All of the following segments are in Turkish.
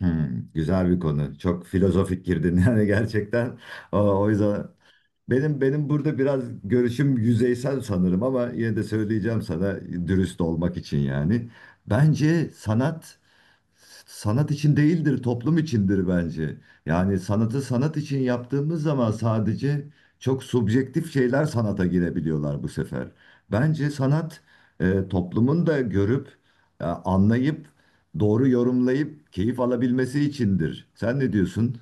Hmm, güzel bir konu. Çok filozofik girdin yani gerçekten. O yüzden benim burada biraz görüşüm yüzeysel sanırım ama yine de söyleyeceğim sana dürüst olmak için yani. Bence sanat sanat için değildir, toplum içindir bence. Yani sanatı sanat için yaptığımız zaman sadece çok subjektif şeyler sanata girebiliyorlar bu sefer. Bence sanat toplumun da görüp, anlayıp, doğru yorumlayıp keyif alabilmesi içindir. Sen ne diyorsun?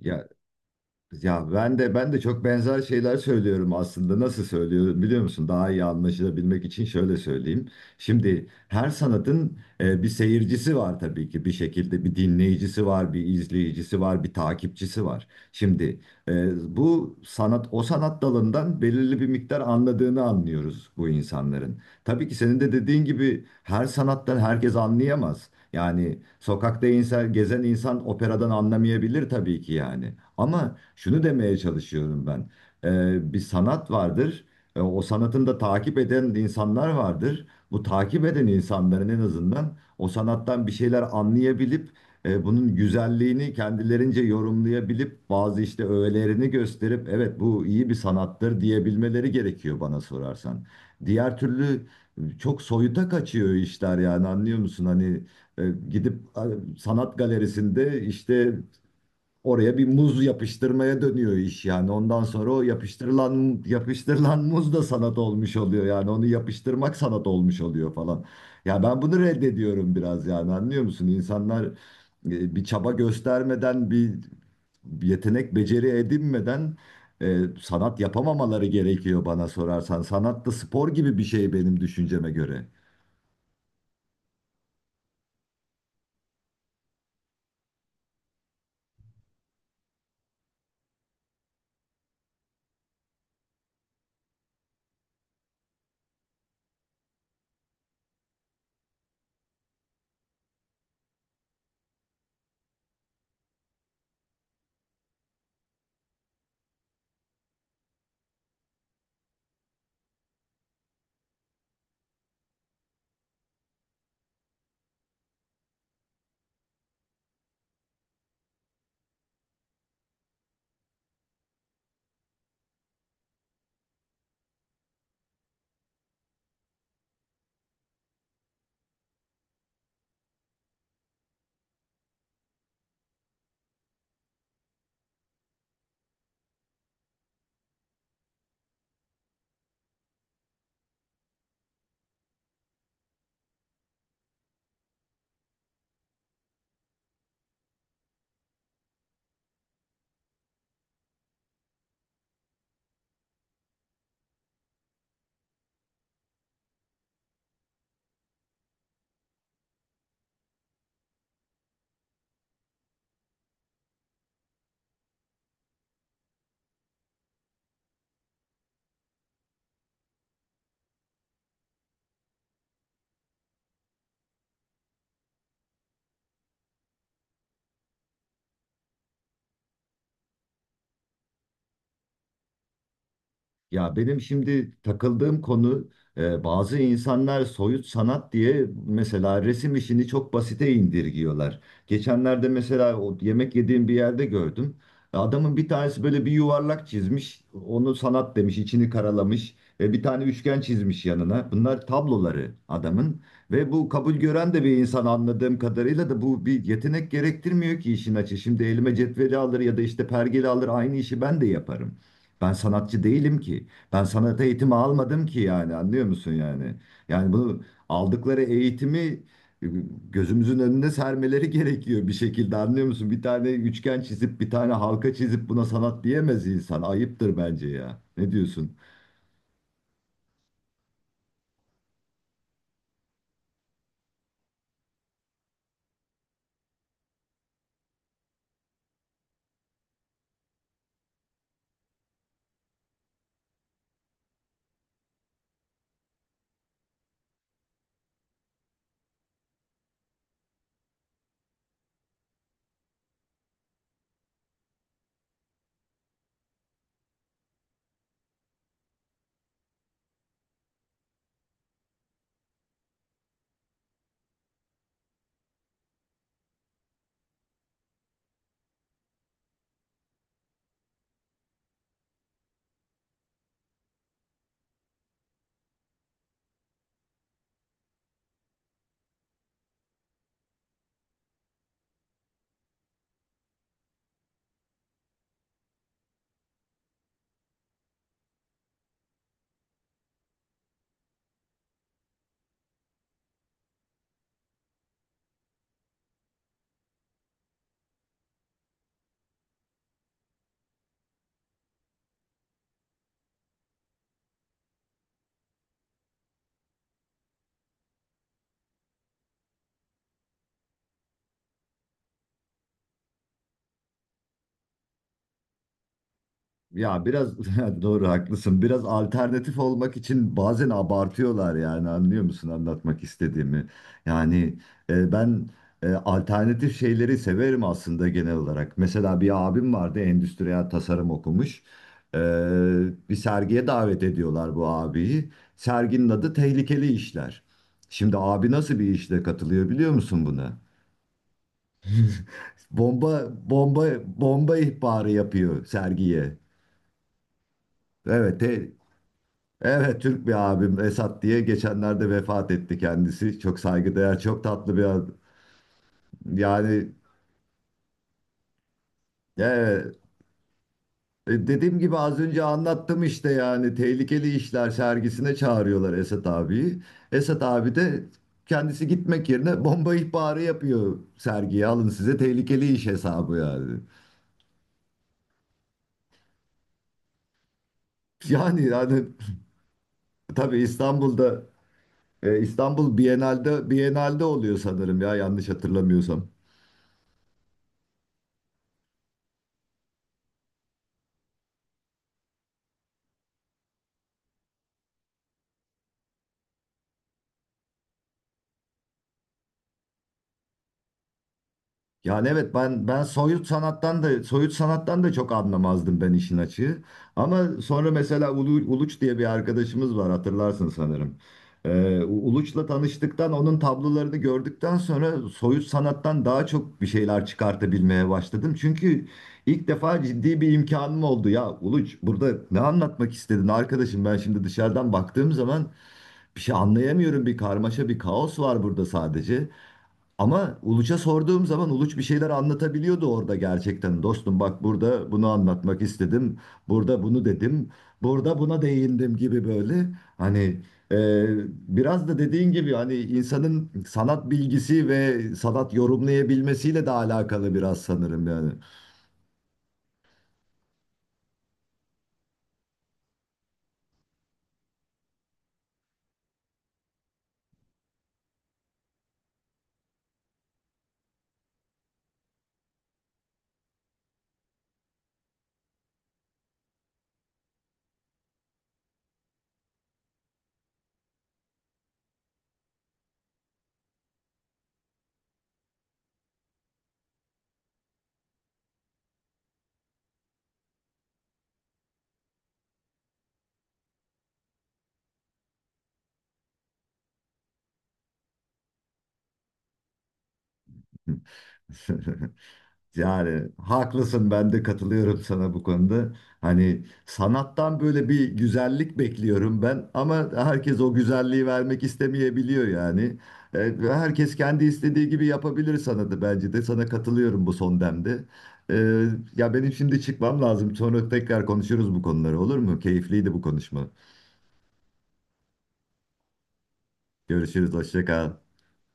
Ya Ya, ben de çok benzer şeyler söylüyorum aslında. Nasıl söylüyorum biliyor musun? Daha iyi anlaşılabilmek için şöyle söyleyeyim. Şimdi her sanatın bir seyircisi var tabii ki. Bir şekilde bir dinleyicisi var, bir izleyicisi var, bir takipçisi var. Şimdi bu sanat o sanat dalından belirli bir miktar anladığını anlıyoruz bu insanların. Tabii ki senin de dediğin gibi her sanattan herkes anlayamaz. Yani sokakta insan, gezen insan operadan anlamayabilir tabii ki yani. Ama şunu demeye çalışıyorum ben. Bir sanat vardır. O sanatın da takip eden insanlar vardır. Bu takip eden insanların en azından o sanattan bir şeyler anlayabilip bunun güzelliğini kendilerince yorumlayabilip bazı işte öğelerini gösterip evet bu iyi bir sanattır diyebilmeleri gerekiyor bana sorarsan. Diğer türlü çok soyuta kaçıyor işler yani anlıyor musun? Hani gidip sanat galerisinde işte oraya bir muz yapıştırmaya dönüyor iş yani. Ondan sonra o yapıştırılan muz da sanat olmuş oluyor yani. Onu yapıştırmak sanat olmuş oluyor falan. Ya ben bunu reddediyorum biraz yani anlıyor musun? İnsanlar bir çaba göstermeden bir yetenek beceri edinmeden sanat yapamamaları gerekiyor bana sorarsan. Sanat da spor gibi bir şey benim düşünceme göre. Ya benim şimdi takıldığım konu bazı insanlar soyut sanat diye mesela resim işini çok basite indirgiyorlar. Geçenlerde mesela o yemek yediğim bir yerde gördüm. Adamın bir tanesi böyle bir yuvarlak çizmiş, onu sanat demiş, içini karalamış. Bir tane üçgen çizmiş yanına. Bunlar tabloları adamın ve bu kabul gören de bir insan anladığım kadarıyla da bu bir yetenek gerektirmiyor ki işin açığı. Şimdi elime cetveli alır ya da işte pergeli alır aynı işi ben de yaparım. Ben sanatçı değilim ki. Ben sanat eğitimi almadım ki yani anlıyor musun yani? Yani bunu aldıkları eğitimi e, gözümüzün önüne sermeleri gerekiyor bir şekilde anlıyor musun? Bir tane üçgen çizip bir tane halka çizip buna sanat diyemez insan. Ayıptır bence ya. Ne diyorsun? Ya biraz doğru haklısın. Biraz alternatif olmak için bazen abartıyorlar yani anlıyor musun anlatmak istediğimi? Yani ben alternatif şeyleri severim aslında genel olarak. Mesela bir abim vardı endüstriyel tasarım okumuş. E, Bir sergiye davet ediyorlar bu abiyi. Serginin adı Tehlikeli İşler. Şimdi abi nasıl bir işle katılıyor biliyor musun buna? Bomba bomba bomba ihbarı yapıyor sergiye. Evet, evet Türk bir abim Esat diye geçenlerde vefat etti kendisi. Çok saygıdeğer, çok tatlı bir adam. Yani evet, dediğim gibi az önce anlattım işte yani tehlikeli işler sergisine çağırıyorlar Esat abiyi. Esat abi de kendisi gitmek yerine bomba ihbarı yapıyor sergiye alın size tehlikeli iş hesabı yani. Yani tabii İstanbul'da İstanbul Bienal'de oluyor sanırım ya yanlış hatırlamıyorsam. Yani evet ben soyut sanattan da çok anlamazdım ben işin açığı. Ama sonra mesela Uluç diye bir arkadaşımız var hatırlarsın sanırım. Uluç'la tanıştıktan onun tablolarını gördükten sonra soyut sanattan daha çok bir şeyler çıkartabilmeye başladım. Çünkü ilk defa ciddi bir imkanım oldu ya Uluç burada ne anlatmak istedin arkadaşım ben şimdi dışarıdan baktığım zaman bir şey anlayamıyorum bir karmaşa bir kaos var burada sadece. Ama Uluç'a sorduğum zaman Uluç bir şeyler anlatabiliyordu orada gerçekten. Dostum bak burada bunu anlatmak istedim. Burada bunu dedim. Burada buna değindim gibi böyle. Hani e, biraz da dediğin gibi hani insanın sanat bilgisi ve sanat yorumlayabilmesiyle de alakalı biraz sanırım yani. Yani haklısın ben de katılıyorum sana bu konuda. Hani sanattan böyle bir güzellik bekliyorum ben ama herkes o güzelliği vermek istemeyebiliyor yani. Evet, ve herkes kendi istediği gibi yapabilir sanatı bence de sana katılıyorum bu son demde. Ee, Ya benim şimdi çıkmam lazım sonra tekrar konuşuruz bu konuları olur mu? Keyifliydi bu konuşma. Görüşürüz hoşça kal.